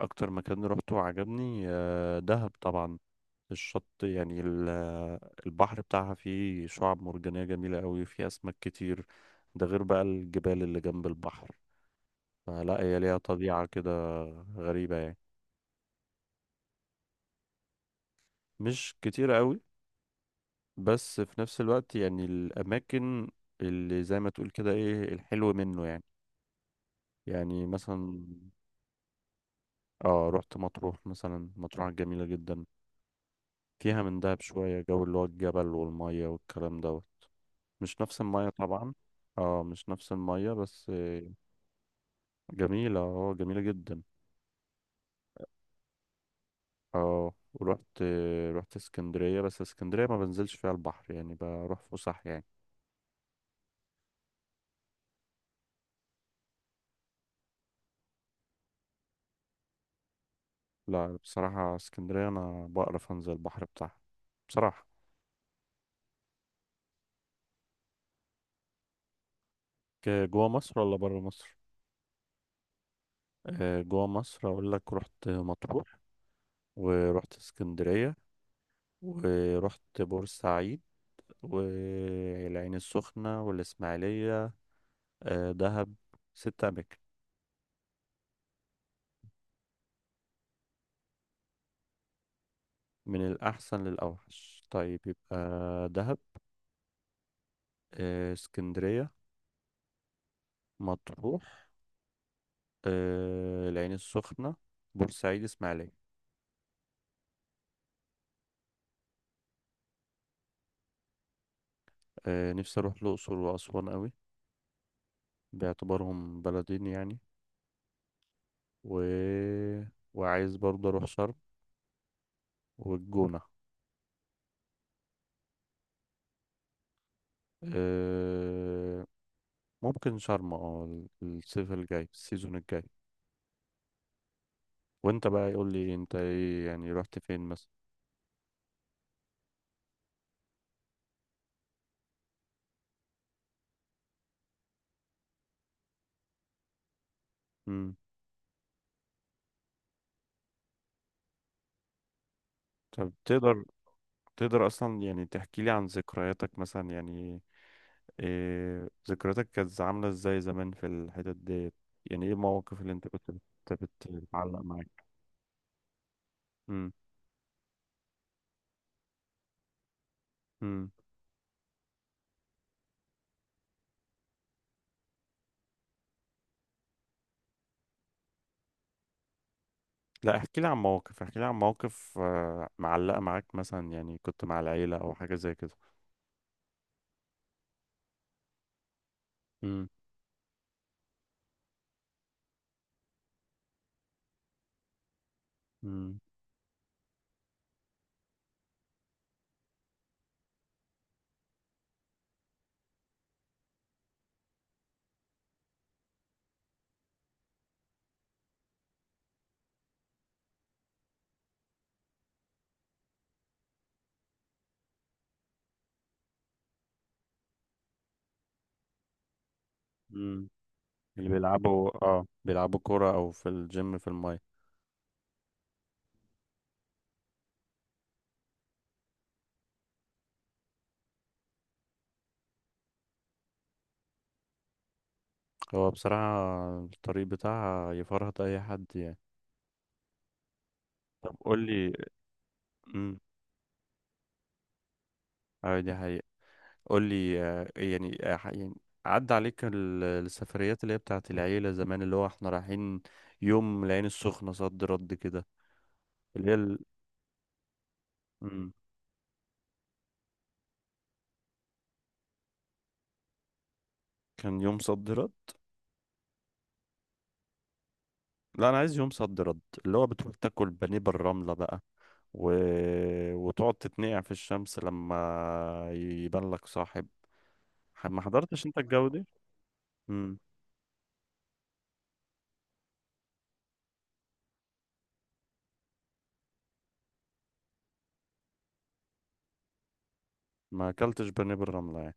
اكتر مكان روحته وعجبني، دهب طبعا. الشط يعني البحر بتاعها فيه شعاب مرجانية جميلة قوي، فيه اسماك كتير. ده غير بقى الجبال اللي جنب البحر. فلا، هي ليها طبيعة كده غريبة يعني. مش كتير قوي، بس في نفس الوقت يعني الاماكن اللي زي ما تقول كده ايه الحلو منه يعني يعني مثلا، اه رحت مطروح مثلا. مطروح جميلة جدا، فيها من دهب شوية جو، اللي هو الجبل والمية والكلام ده. مش نفس المية طبعا. اه مش نفس المية، بس جميلة، جميلة جدا. اه ورحت آه، رحت اسكندرية، بس اسكندرية ما بنزلش فيها البحر يعني، بروح فسح يعني. لا بصراحة اسكندرية انا بقرف انزل البحر بتاعها، بصراحة. جوا مصر ولا برا مصر؟ جوا مصر اقول لك: رحت مطروح، ورحت اسكندرية، ورحت بورسعيد، والعين السخنة، والإسماعيلية، دهب. ست أماكن. من الأحسن للأوحش، طيب، يبقى دهب، اسكندرية، مطروح، العين السخنة، بورسعيد، اسماعيلية. نفسي أروح الأقصر وأسوان أوي، باعتبارهم بلدين يعني. و... وعايز برضه أروح شرم والجونة. آه، ممكن شرم. الصيف الجاي، السيزون الجاي. وانت بقى يقول لي انت ايه يعني، رحت فين مثلا؟ مم. طب تقدر اصلا يعني تحكي لي عن ذكرياتك مثلا يعني، إيه ذكرياتك كانت عاملة ازاي زمان في الحتت ديت؟ يعني ايه المواقف اللي انت كنت بتعلق معاك؟ امم. امم. لا، احكي لي عن مواقف معلقة معاك مثلا، يعني كنت مع العيلة او حاجة زي كده. امم. امم. امم. اللي بيلعبوا كورة او في الجيم في الماية. هو بصراحة الطريق بتاعها يفرهد اي حد يعني. طب قول لي. امم. اه، دي حقيقة. قول لي، يعني، يعني عدى عليك السفريات اللي هي بتاعت العيلة زمان، اللي هو احنا رايحين يوم العين السخنة، صد رد كده. اللي هي ال... مم. كان يوم صد رد. لا، انا عايز يوم صد رد اللي هو بتروح تاكل بانيه بالرملة بقى، و... وتقعد تتنقع في الشمس لما يبان لك صاحب. ما حضرتش انت الجو دي؟ مم. ما اكلتش بانيه بالرملة يعني؟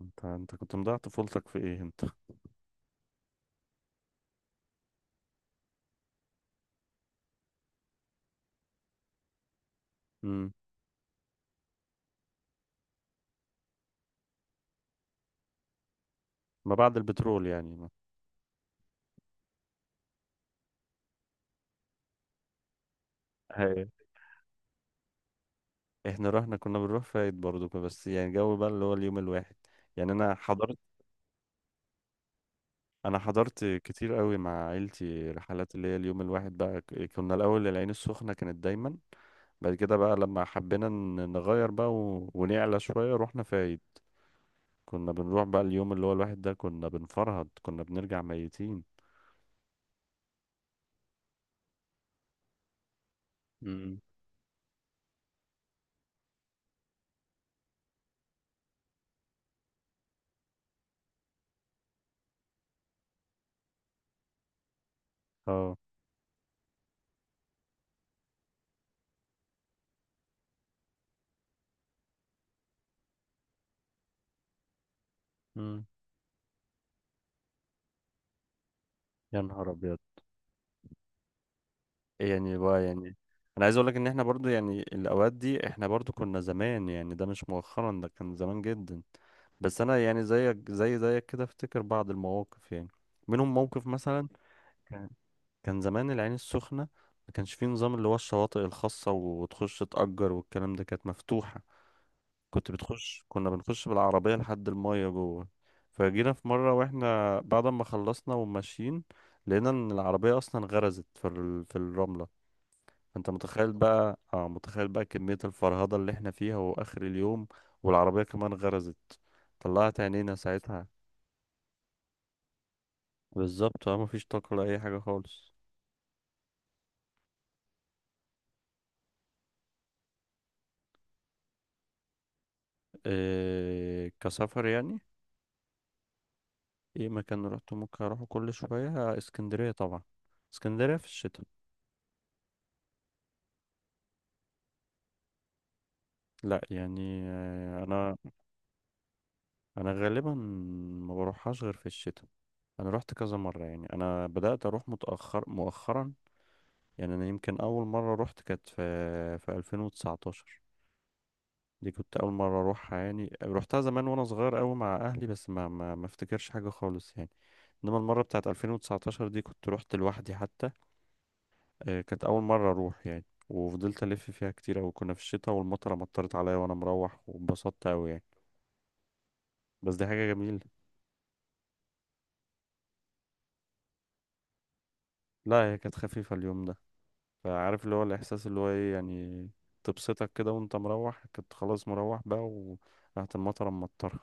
انت كنت مضيع طفولتك في ايه انت؟ مم. ما بعد البترول يعني. ما. احنا رحنا كنا بنروح فايت برضو. بس يعني جو بقى اللي هو اليوم الواحد، يعني انا حضرت كتير قوي مع عيلتي رحلات اللي هي اليوم الواحد بقى. كنا الاول العين السخنة كانت دايما، بعد كده بقى لما حبينا نغير بقى ونعلى شوية رحنا فايت. كنا بنروح بقى اليوم اللي هو الواحد ده، كنا بنفرهد، كنا بنرجع ميتين. امم. اه. امم. يا نهار ابيض! إيه يعني بقى يعني؟ انا عايز اقول لك ان احنا برضو يعني الاوقات دي احنا برضو كنا زمان يعني، ده مش مؤخرا، ده كان زمان جدا. بس انا يعني، زيك كده افتكر بعض المواقف يعني، منهم موقف مثلا. كان كان زمان العين السخنة ما كانش فيه نظام اللي هو الشواطئ الخاصة، وتخش تأجر والكلام ده، كانت مفتوحة. كنت بتخش كنا بنخش بالعربية لحد المية جوه. فجينا في مرة واحنا بعد ما خلصنا وماشيين، لقينا ان العربية اصلا غرزت في الرملة. انت متخيل بقى، متخيل بقى كمية الفرهدة اللي احنا فيها واخر اليوم، والعربية كمان غرزت. طلعت عينينا ساعتها. بالظبط، اه، مفيش طاقة لأي حاجة خالص. إيه كسفر يعني؟ ايه مكان روحته ممكن اروحه كل شوية؟ اسكندرية طبعا، اسكندرية في الشتاء. لا يعني انا، انا غالبا ما بروحهاش غير في الشتاء. انا روحت كذا مرة يعني، انا بدأت اروح متأخر مؤخرا. يعني انا يمكن اول مرة روحت كانت في 2019. دي كنت اول مره اروحها يعني، روحتها زمان وانا صغير قوي مع اهلي، بس ما افتكرش حاجه خالص يعني. انما المره بتاعت 2019 دي كنت روحت لوحدي حتى. كانت اول مره اروح يعني، وفضلت الف فيها كتير أوي. كنا في الشتاء والمطره مطرت عليا وانا مروح، واتبسطت قوي يعني. بس دي حاجه جميله. لا هي كانت خفيفه اليوم ده، فعارف اللي هو الاحساس اللي هو ايه يعني؟ تبسطك كده وانت مروح. كنت خلاص مروح بقى وراحت المطره مطرة.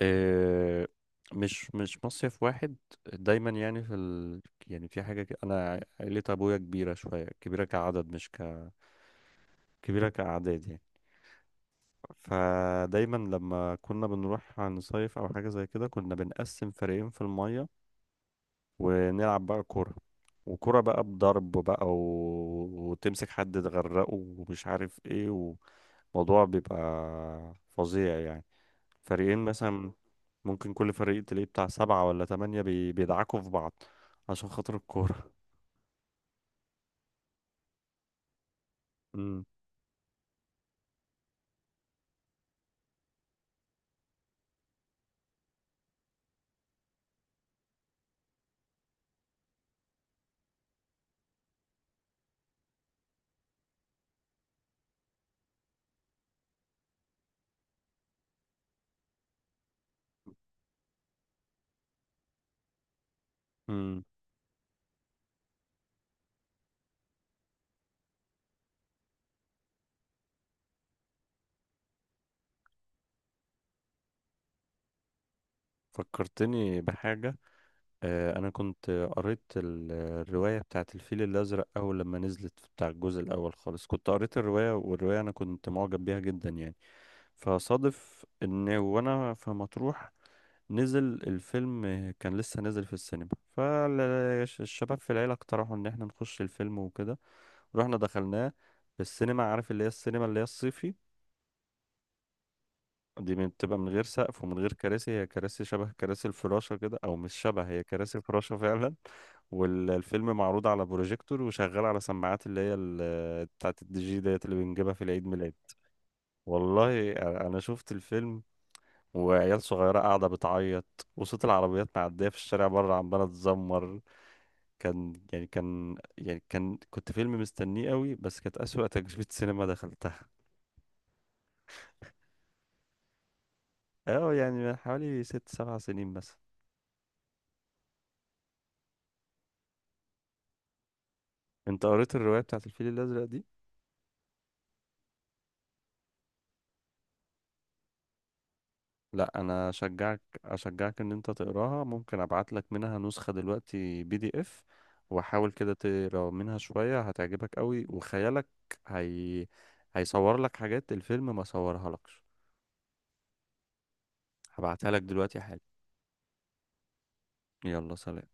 آه، مش مصيف واحد. دايما يعني يعني في حاجة كده. أنا عيلة أبويا كبيرة شوية، كبيرة كعدد مش كبيرة كأعداد يعني. فدايما لما كنا بنروح نصيف أو حاجة زي كده، كنا بنقسم فريقين في المية، ونلعب بقى كورة، وكرة بقى بضرب بقى، وتمسك حد تغرقه ومش عارف ايه، وموضوع بيبقى فظيع يعني. فريقين مثلا، ممكن كل فريق تلاقيه بتاع سبعة ولا تمانية، بيدعكوا في بعض عشان خاطر الكورة. امم. امم. فكرتني بحاجة. أنا كنت قريت الرواية بتاعت الفيل الأزرق، أول لما نزلت بتاع الجزء الأول خالص، كنت قريت الرواية، والرواية أنا كنت معجب بيها جدا يعني. فصادف إن وأنا في مطروح نزل الفيلم، كان لسه نازل في السينما. فالشباب في العيلة اقترحوا ان احنا نخش الفيلم وكده. رحنا دخلناه في السينما. عارف اللي هي السينما اللي هي الصيفي؟ دي بتبقى من غير سقف ومن غير كراسي، هي كراسي شبه كراسي الفراشة كده، او مش شبه، هي كراسي فراشة فعلا. والفيلم معروض على بروجيكتور، وشغال على سماعات اللي هي بتاعت الدي جي ديت اللي بنجيبها في العيد ميلاد. والله انا شفت الفيلم وعيال صغيرة قاعدة بتعيط، وصوت العربيات معدية في الشارع بره عمالة تزمر. كان يعني كان يعني كان كنت فيلم مستنيه قوي، بس كانت أسوأ تجربة سينما دخلتها. اه يعني من حوالي 6 7 سنين مثلا. انت قريت الرواية بتاعت الفيل الأزرق دي؟ لا، انا اشجعك ان انت تقراها. ممكن ابعت لك منها نسخة دلوقتي PDF. وحاول كده تقرا منها شوية، هتعجبك قوي. وخيالك هي هيصور لك حاجات الفيلم ما صورها لكش. هبعتها لك دلوقتي حالا. يلا سلام.